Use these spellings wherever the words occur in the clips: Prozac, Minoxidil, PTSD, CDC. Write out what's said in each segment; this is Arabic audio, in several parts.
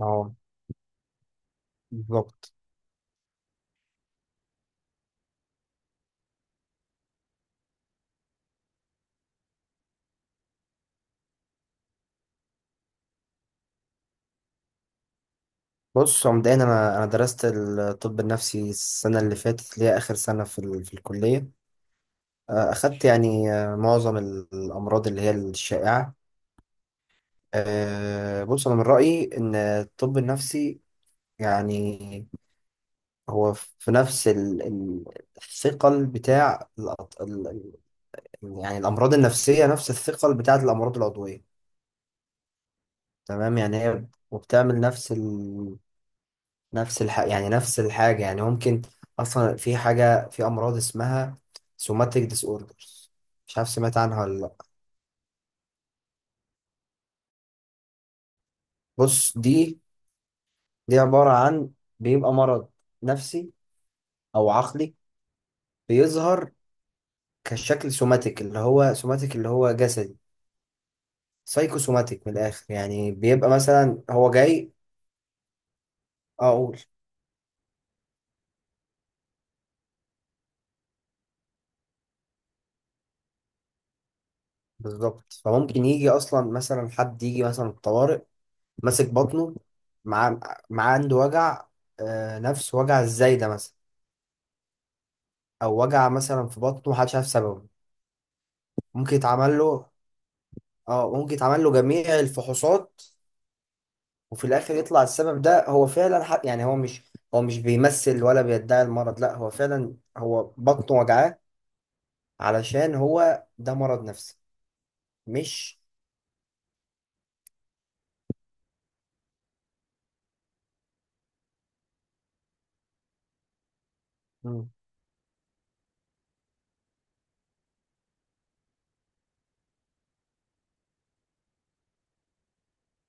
اه بالظبط. بص، هو مبدئيا انا درست الطب النفسي السنه اللي فاتت اللي هي اخر سنه في الكليه، اخدت معظم الامراض اللي هي الشائعه. بص، انا من رايي ان الطب النفسي يعني هو في نفس الثقل بتاع الامراض النفسيه نفس الثقل بتاعه الامراض العضويه. تمام، يعني هي وبتعمل نفس نفس الح... يعني نفس الحاجة. يعني ممكن أصلا في حاجة، في أمراض اسمها سوماتيك ديس اوردرز، مش عارف سمعت عنها ولا لأ. بص دي، دي عبارة عن بيبقى مرض نفسي أو عقلي بيظهر كشكل سوماتيك، اللي هو سوماتيك اللي هو جسدي، سايكو سوماتيك من الآخر. يعني بيبقى مثلا هو جاي أقول بالظبط. فممكن يجي أصلا مثلا حد يجي مثلا الطوارئ ماسك بطنه، مع مع عنده وجع، نفس وجع الزايدة مثلا، او وجع مثلا في بطنه محدش عارف سببه. ممكن يتعمل له، اه ممكن يتعمل له جميع الفحوصات، وفي الاخر يطلع السبب ده هو فعلا حق. يعني هو مش، هو مش بيمثل ولا بيدعي المرض، لا هو فعلا هو بطنه وجعاه، علشان هو ده مرض نفسي. مش مم.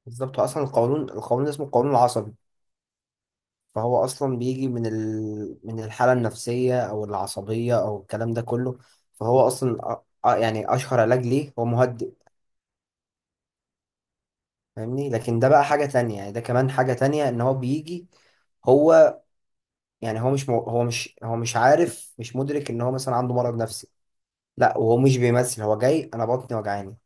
بالظبط. هو اصلا القولون، القولون اسمه القولون العصبي، فهو اصلا بيجي من الحاله النفسيه او العصبيه او الكلام ده كله. فهو اصلا اشهر علاج ليه هو مهدئ، فاهمني؟ لكن ده بقى حاجة تانية، يعني ده كمان حاجة تانية ان هو بيجي. هو هو مش، هو مش عارف، مش مدرك ان هو مثلا عنده مرض نفسي، لا، وهو مش بيمثل، هو جاي انا بطني وجعاني.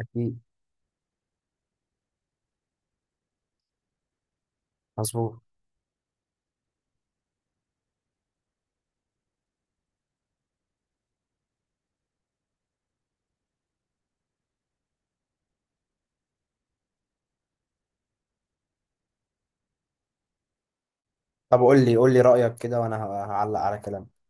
اكيد. مظبوط. طب قول لي، قول لي رأيك كده وانا هعلق على كلامك.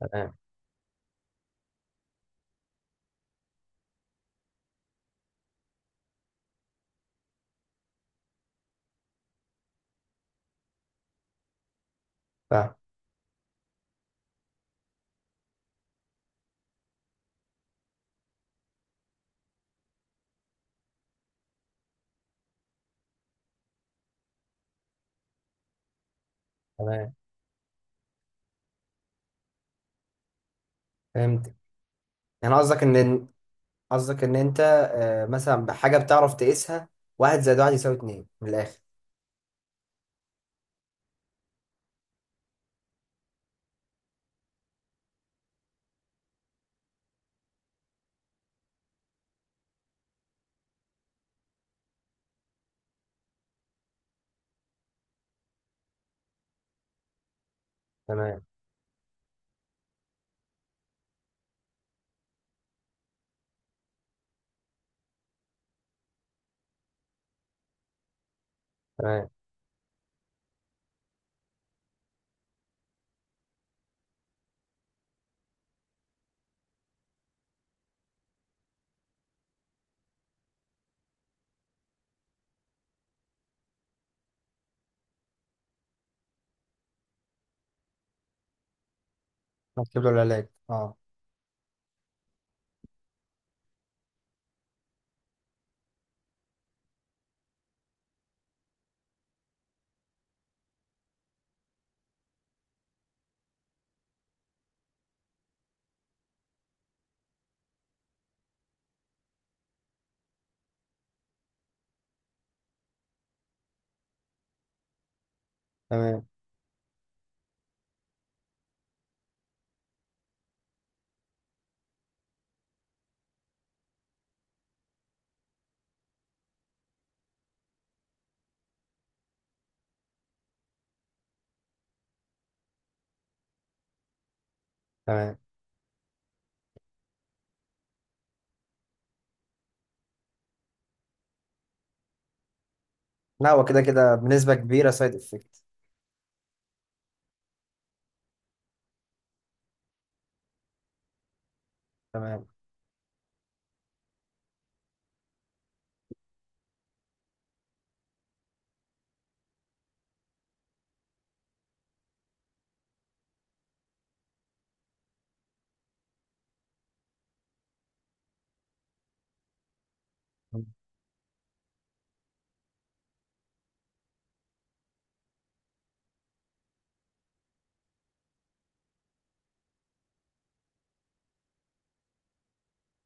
تمام. فاهم. تمام. فهمت. يعني قصدك ان، قصدك ان انت مثلا بحاجة بتعرف تقيسها، واحد زائد واحد يساوي اتنين من الاخر. تمام. تمام. هتجيب له العلاج، اه. تمام. تمام. لا، هو كده كده بنسبة كبيرة سايد افكت. تمام.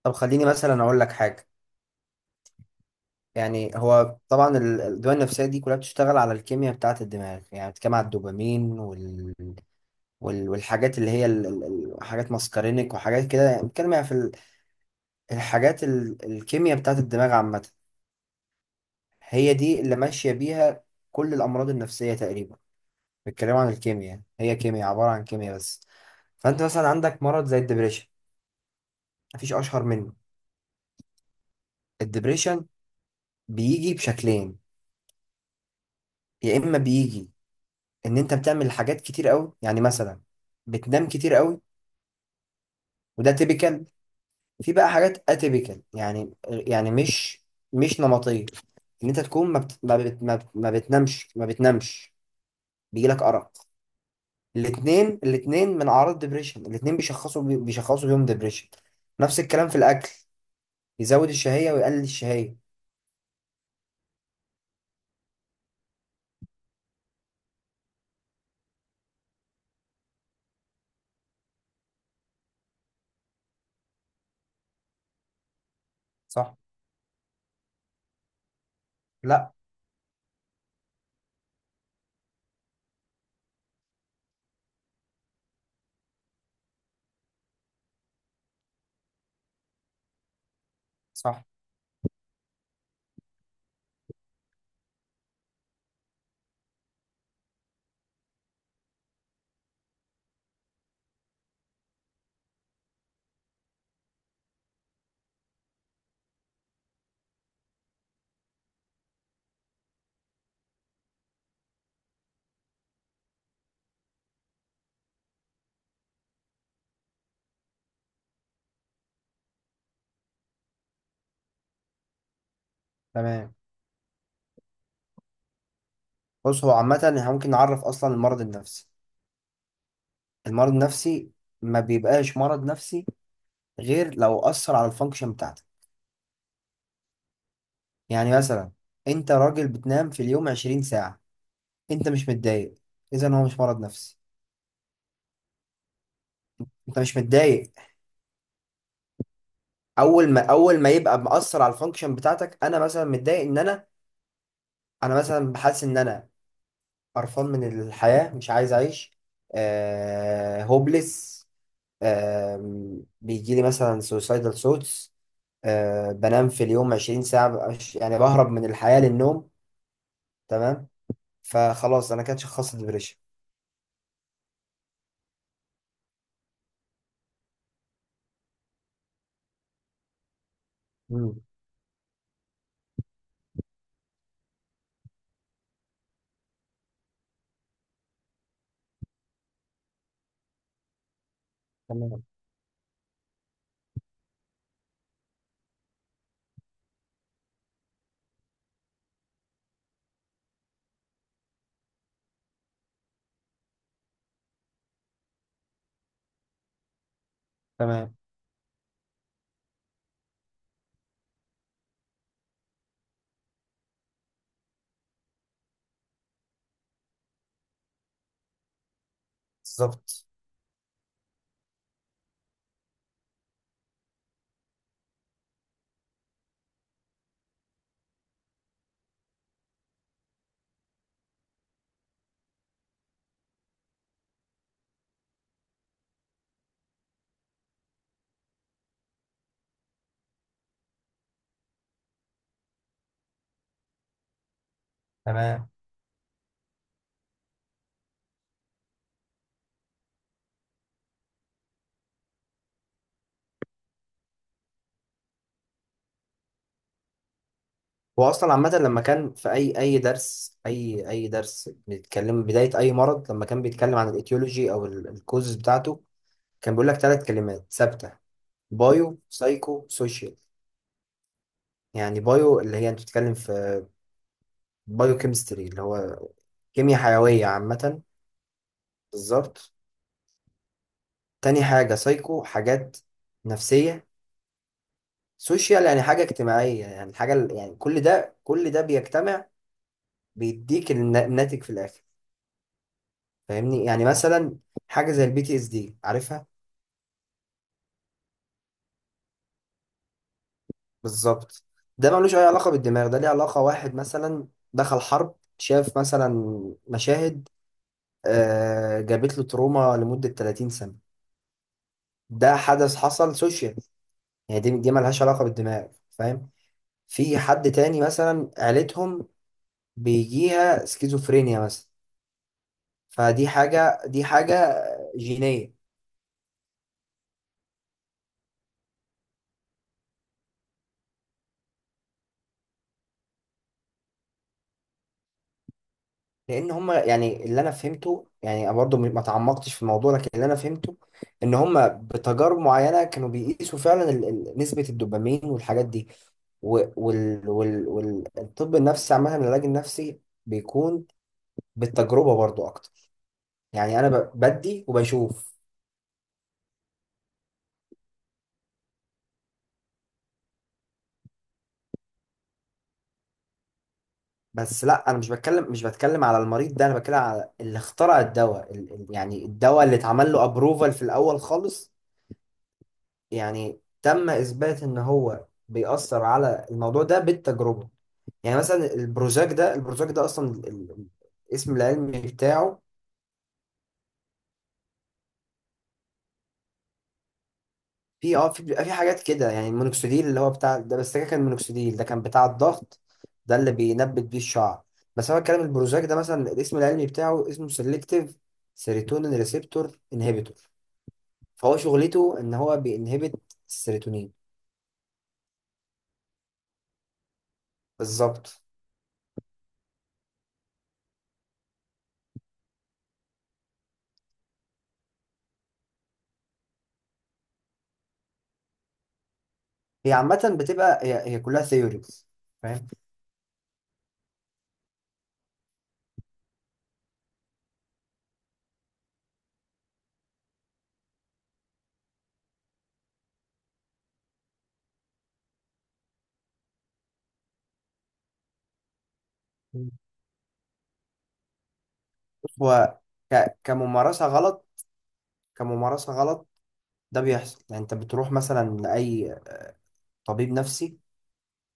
طب خليني مثلا اقول لك حاجه. يعني هو طبعا الادويه النفسيه دي كلها بتشتغل على الكيمياء بتاعه الدماغ. يعني بتتكلم على الدوبامين والحاجات اللي هي حاجات ماسكارينيك وحاجات كده. يعني بتتكلم يعني في الكيمياء بتاعه الدماغ عامه، هي دي اللي ماشيه بيها كل الامراض النفسيه تقريبا. بيتكلموا عن الكيمياء، هي كيمياء عباره عن كيمياء بس. فانت مثلا عندك مرض زي الدبريشن، مفيش اشهر منه. الدبريشن بيجي بشكلين، يا اما بيجي ان انت بتعمل حاجات كتير قوي، يعني مثلا بتنام كتير قوي، وده تيبيكال. في بقى حاجات اتيبيكال، مش نمطيه، ان انت تكون ما بتنامش، بيجيلك ارق. الاثنين من اعراض ديبريشن، بيشخصوا بيهم ديبريشن. نفس الكلام في الاكل، يزود الشهيه ويقلل الشهيه. صح. لا. صح. تمام. بص، هو عامه احنا ممكن نعرف اصلا المرض النفسي. المرض النفسي ما بيبقاش مرض نفسي غير لو أثر على الفانكشن بتاعتك. يعني مثلا أنت راجل بتنام في اليوم 20 ساعة، أنت مش متضايق، إذا هو مش مرض نفسي. أنت مش متضايق. أول ما، أول ما يبقى مأثر على الفانكشن بتاعتك، أنا مثلا متضايق إن أنا، أنا مثلا بحس إن أنا قرفان من الحياة، مش عايز أعيش، آه هوبلس، آه بيجي لي مثلا سوسايدال ثوتس، آه بنام في اليوم 20 ساعة، ببقى مش- يعني بهرب من الحياة للنوم، تمام، فخلاص أنا كده شخصت ديبريشن. تمام. تمام. بالظبط. تمام. هو اصلا عامه لما كان في اي اي درس، اي اي درس بيتكلم بدايه اي مرض، لما كان بيتكلم عن الايتيولوجي او الكوزز بتاعته، كان بيقول لك 3 كلمات ثابته، بايو سايكو سوشيال. يعني بايو اللي هي انت بتتكلم في بايو كيمستري، اللي هو كيمياء حيويه عامه، بالظبط. تاني حاجه سايكو، حاجات نفسيه. سوشيال يعني حاجه اجتماعيه. يعني حاجه، يعني كل ده، كل ده بيجتمع بيديك الناتج في الاخر، فاهمني؟ يعني مثلا حاجه زي البي تي اس دي، عارفها؟ بالظبط. ده ملوش اي علاقه بالدماغ، ده ليه علاقه. واحد مثلا دخل حرب، شاف مثلا مشاهد، جابت له تروما لمده 30 سنه، ده حدث حصل سوشيال. يعني دي، دي ملهاش علاقه بالدماغ، فاهم؟ في حد تاني مثلا عيلتهم بيجيها سكيزوفرينيا مثلا، فدي حاجه، دي حاجه جينيه. لان هم، يعني اللي انا فهمته يعني، أنا برضه ما تعمقتش في الموضوع، لكن اللي انا فهمته ان هم بتجارب معينه كانوا بيقيسوا فعلا نسبه الدوبامين والحاجات دي. والطب النفسي عامه، العلاج النفسي بيكون بالتجربه برضه اكتر. يعني انا بدي وبشوف. بس لا، انا مش بتكلم، مش بتكلم على المريض ده، انا بتكلم على اللي اخترع الدواء، الدواء اللي اتعمل له ابروفال في الاول خالص. يعني تم إثبات إن هو بيأثر على الموضوع ده بالتجربة. يعني مثلا البروجاك ده، الاسم العلمي بتاعه، في اه في بيبقى في حاجات كده، يعني المونوكسيديل اللي هو بتاع ده، بس ده كان مونوكسيديل، ده كان بتاع الضغط، ده اللي بينبت بيه الشعر. بس انا بتكلم البروجاك ده مثلا، الاسم العلمي بتاعه اسمه سيلكتيف سيروتونين ريسبتور انهبيتور. فهو شغلته ان هو بينهبت السيروتونين. بالظبط. هي عامة بتبقى هي كلها ثيوريز، فاهم. هو كممارسة غلط، كممارسة غلط. ده بيحصل، يعني انت بتروح مثلا لأي طبيب نفسي،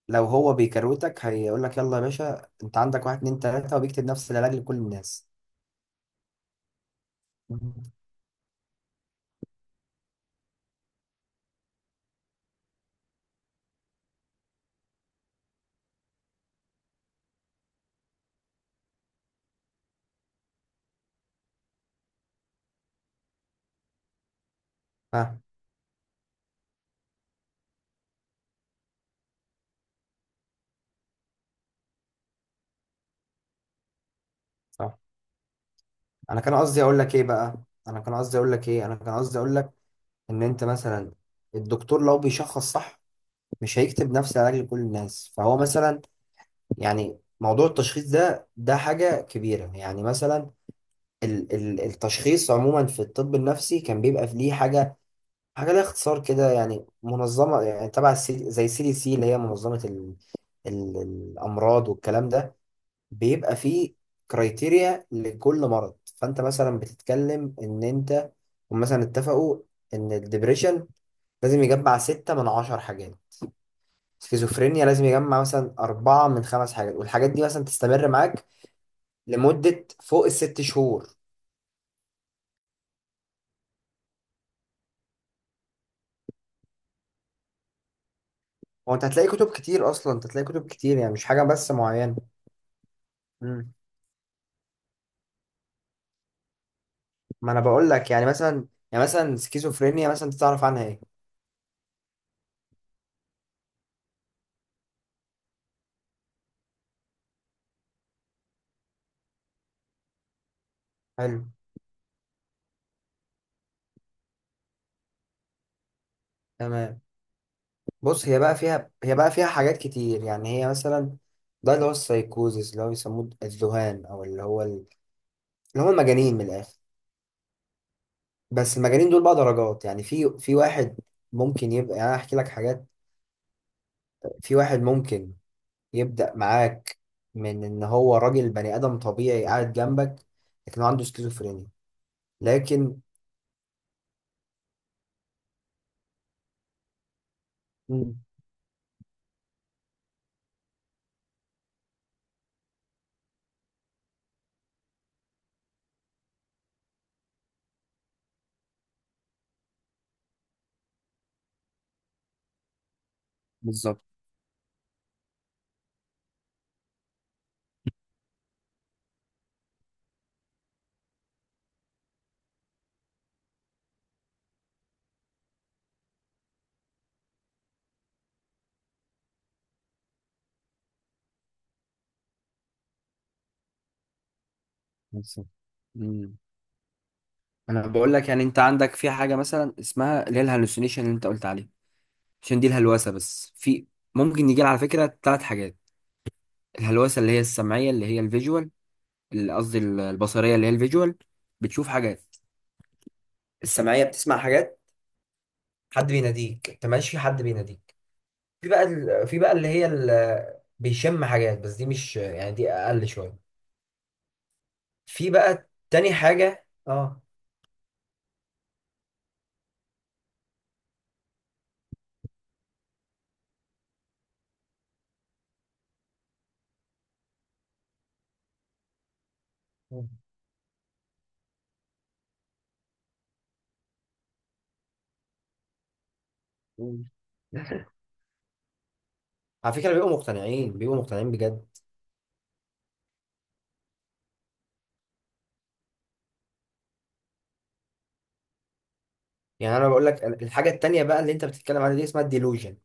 لو هو بيكروتك هيقول لك يلا يا باشا، انت عندك واحد اتنين تلاتة، وبيكتب نفس العلاج لكل الناس. اه. صح. انا كان قصدي اقول لك ايه بقى، انا كان قصدي اقول لك انا كان قصدي اقول لك ان انت مثلا، الدكتور لو بيشخص صح مش هيكتب نفس العلاج لكل الناس. فهو مثلا، يعني موضوع التشخيص ده، ده حاجة كبيرة. يعني مثلا التشخيص عموما في الطب النفسي كان بيبقى في ليه حاجه، حاجه ليها اختصار كده، يعني منظمه، يعني تبع زي سي دي سي، اللي هي منظمه ال ال الامراض والكلام ده. بيبقى فيه كرايتيريا لكل مرض. فانت مثلا بتتكلم ان انت، هم مثلا اتفقوا ان الدبريشن لازم يجمع 6 من 10 حاجات، سكيزوفرينيا لازم يجمع مثلا 4 من 5 حاجات، والحاجات دي مثلا تستمر معاك لمدة فوق ال 6 شهور. هو انت هتلاقي كتب كتير اصلا، انت هتلاقي كتب كتير يعني، مش حاجه بس معينه. امم. ما انا بقول لك، يعني مثلا، يعني مثلا سكيزوفرينيا مثلا، انت تعرف عنها ايه؟ حلو. تمام. بص، هي بقى فيها، هي بقى فيها حاجات كتير. يعني هي مثلا ده اللي هو السايكوزيس، اللي هو بيسموه الذهان، او اللي هو اللي هم المجانين من الاخر. بس المجانين دول بقى درجات. يعني في، في واحد ممكن يبقى، يعني انا احكي لك حاجات. في واحد ممكن يبدأ معاك من ان هو راجل بني ادم طبيعي قاعد جنبك، لكن هو عنده سكيزوفرينيا. لكن مم. بالظبط. بالظبط. مم. انا بقول لك، يعني انت عندك في حاجه مثلا اسمها اللي هي الهلوسينيشن اللي انت قلت عليه، عشان دي الهلوسه، بس في ممكن يجي على فكره 3 حاجات. الهلوسه اللي هي السمعيه، اللي هي الفيجوال، البصريه اللي هي الفيجوال، بتشوف حاجات. السمعيه بتسمع حاجات، حد بيناديك، انت ماشي في حد بيناديك. في بقى بيشم حاجات، بس دي مش يعني، دي اقل شويه. في بقى تاني حاجه، اه. مم. على فكرة بيبقوا مقتنعين، بيبقوا مقتنعين بجد. يعني انا بقول لك الحاجة التانية بقى اللي انت بتتكلم عليها دي اسمها الديلوجن،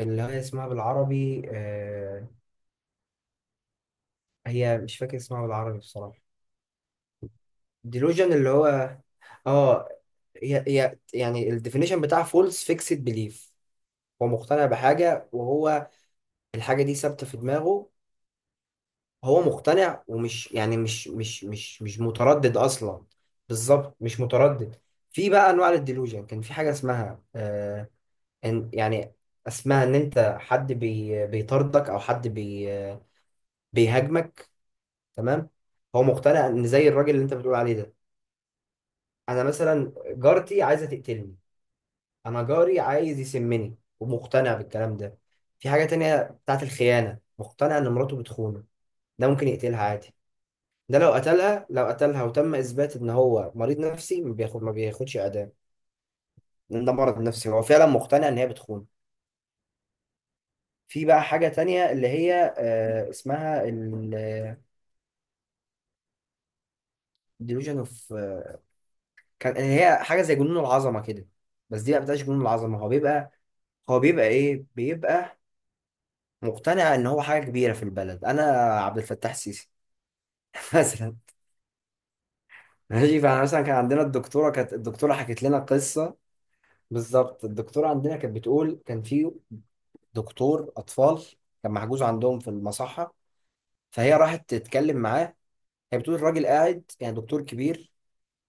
اللي هي اسمها بالعربي آه، هي مش فاكر اسمها بالعربي بصراحة. ديلوجن اللي هو اه، هي يعني الديفينيشن بتاع فولس فيكسد بليف، هو مقتنع بحاجة وهو، الحاجة دي ثابتة في دماغه، هو مقتنع، ومش يعني مش متردد اصلا. بالظبط، مش متردد. في بقى انواع للديلوجن، كان في حاجة اسمها آه، إن يعني اسمها ان انت، حد بي بيطاردك، او حد بي بيهاجمك. تمام. هو مقتنع ان، زي الراجل اللي انت بتقول عليه ده، انا مثلا جارتي عايزه تقتلني، انا جاري عايز يسمني، ومقتنع بالكلام ده. في حاجه تانية بتاعت الخيانه، مقتنع ان مراته بتخونه، ده ممكن يقتلها عادي. ده لو قتلها، لو قتلها وتم اثبات ان هو مريض نفسي، ما بياخد، ما بياخدش اعدام، لان ده مرض نفسي، هو فعلا مقتنع ان هي بتخونه. في بقى حاجه تانية اللي هي اسمها ديلوجن اوف، كان هي حاجه زي جنون العظمه كده، بس دي ما بتبقاش جنون العظمه. هو بيبقى هو بيبقى ايه بيبقى مقتنع ان هو حاجه كبيره في البلد، انا عبد الفتاح السيسي مثلا. ماشي. فاحنا مثلا كان عندنا الدكتوره، كانت الدكتوره حكت لنا قصه. بالظبط. الدكتوره عندنا كانت بتقول كان في دكتور اطفال كان محجوز عندهم في المصحه، فهي راحت تتكلم معاه. هي بتقول الراجل قاعد يعني دكتور كبير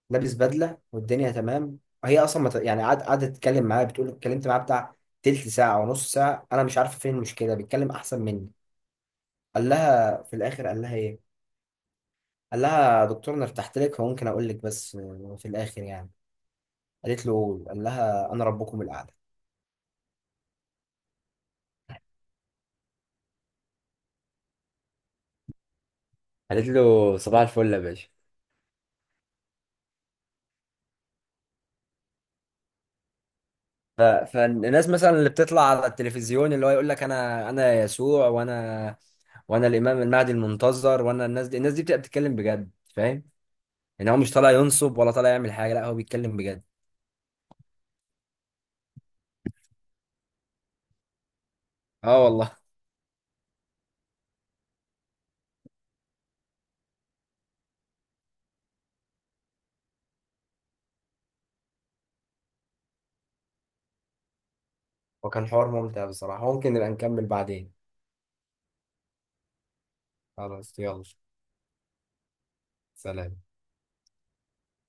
لابس بدله، والدنيا تمام. هي اصلا ما ت- يعني قعد- قعدت تتكلم معايا، بتقول اتكلمت معاها بتاع تلت ساعه ونص ساعه، انا مش عارفه فين المشكله، بيتكلم احسن مني. قال لها في الاخر قال لها ايه، قال لها يا دكتور انا ارتحت لك فممكن اقول لك، بس في الاخر يعني، قالت له قول، قال لها انا ربكم الاعلى، قالت له صباح الفل يا باشا. فالناس مثلا اللي بتطلع على التلفزيون اللي هو يقول لك انا، يسوع، وانا، وانا الامام المهدي المنتظر، وانا، الناس دي، الناس دي بتبقى بتتكلم بجد، فاهم؟ يعني هو مش طالع ينصب، ولا طالع يعمل حاجه، لا هو بيتكلم بجد. اه والله. وكان حوار ممتع بصراحه، ممكن نبقى نكمل بعدين. خلاص يلا، سلام.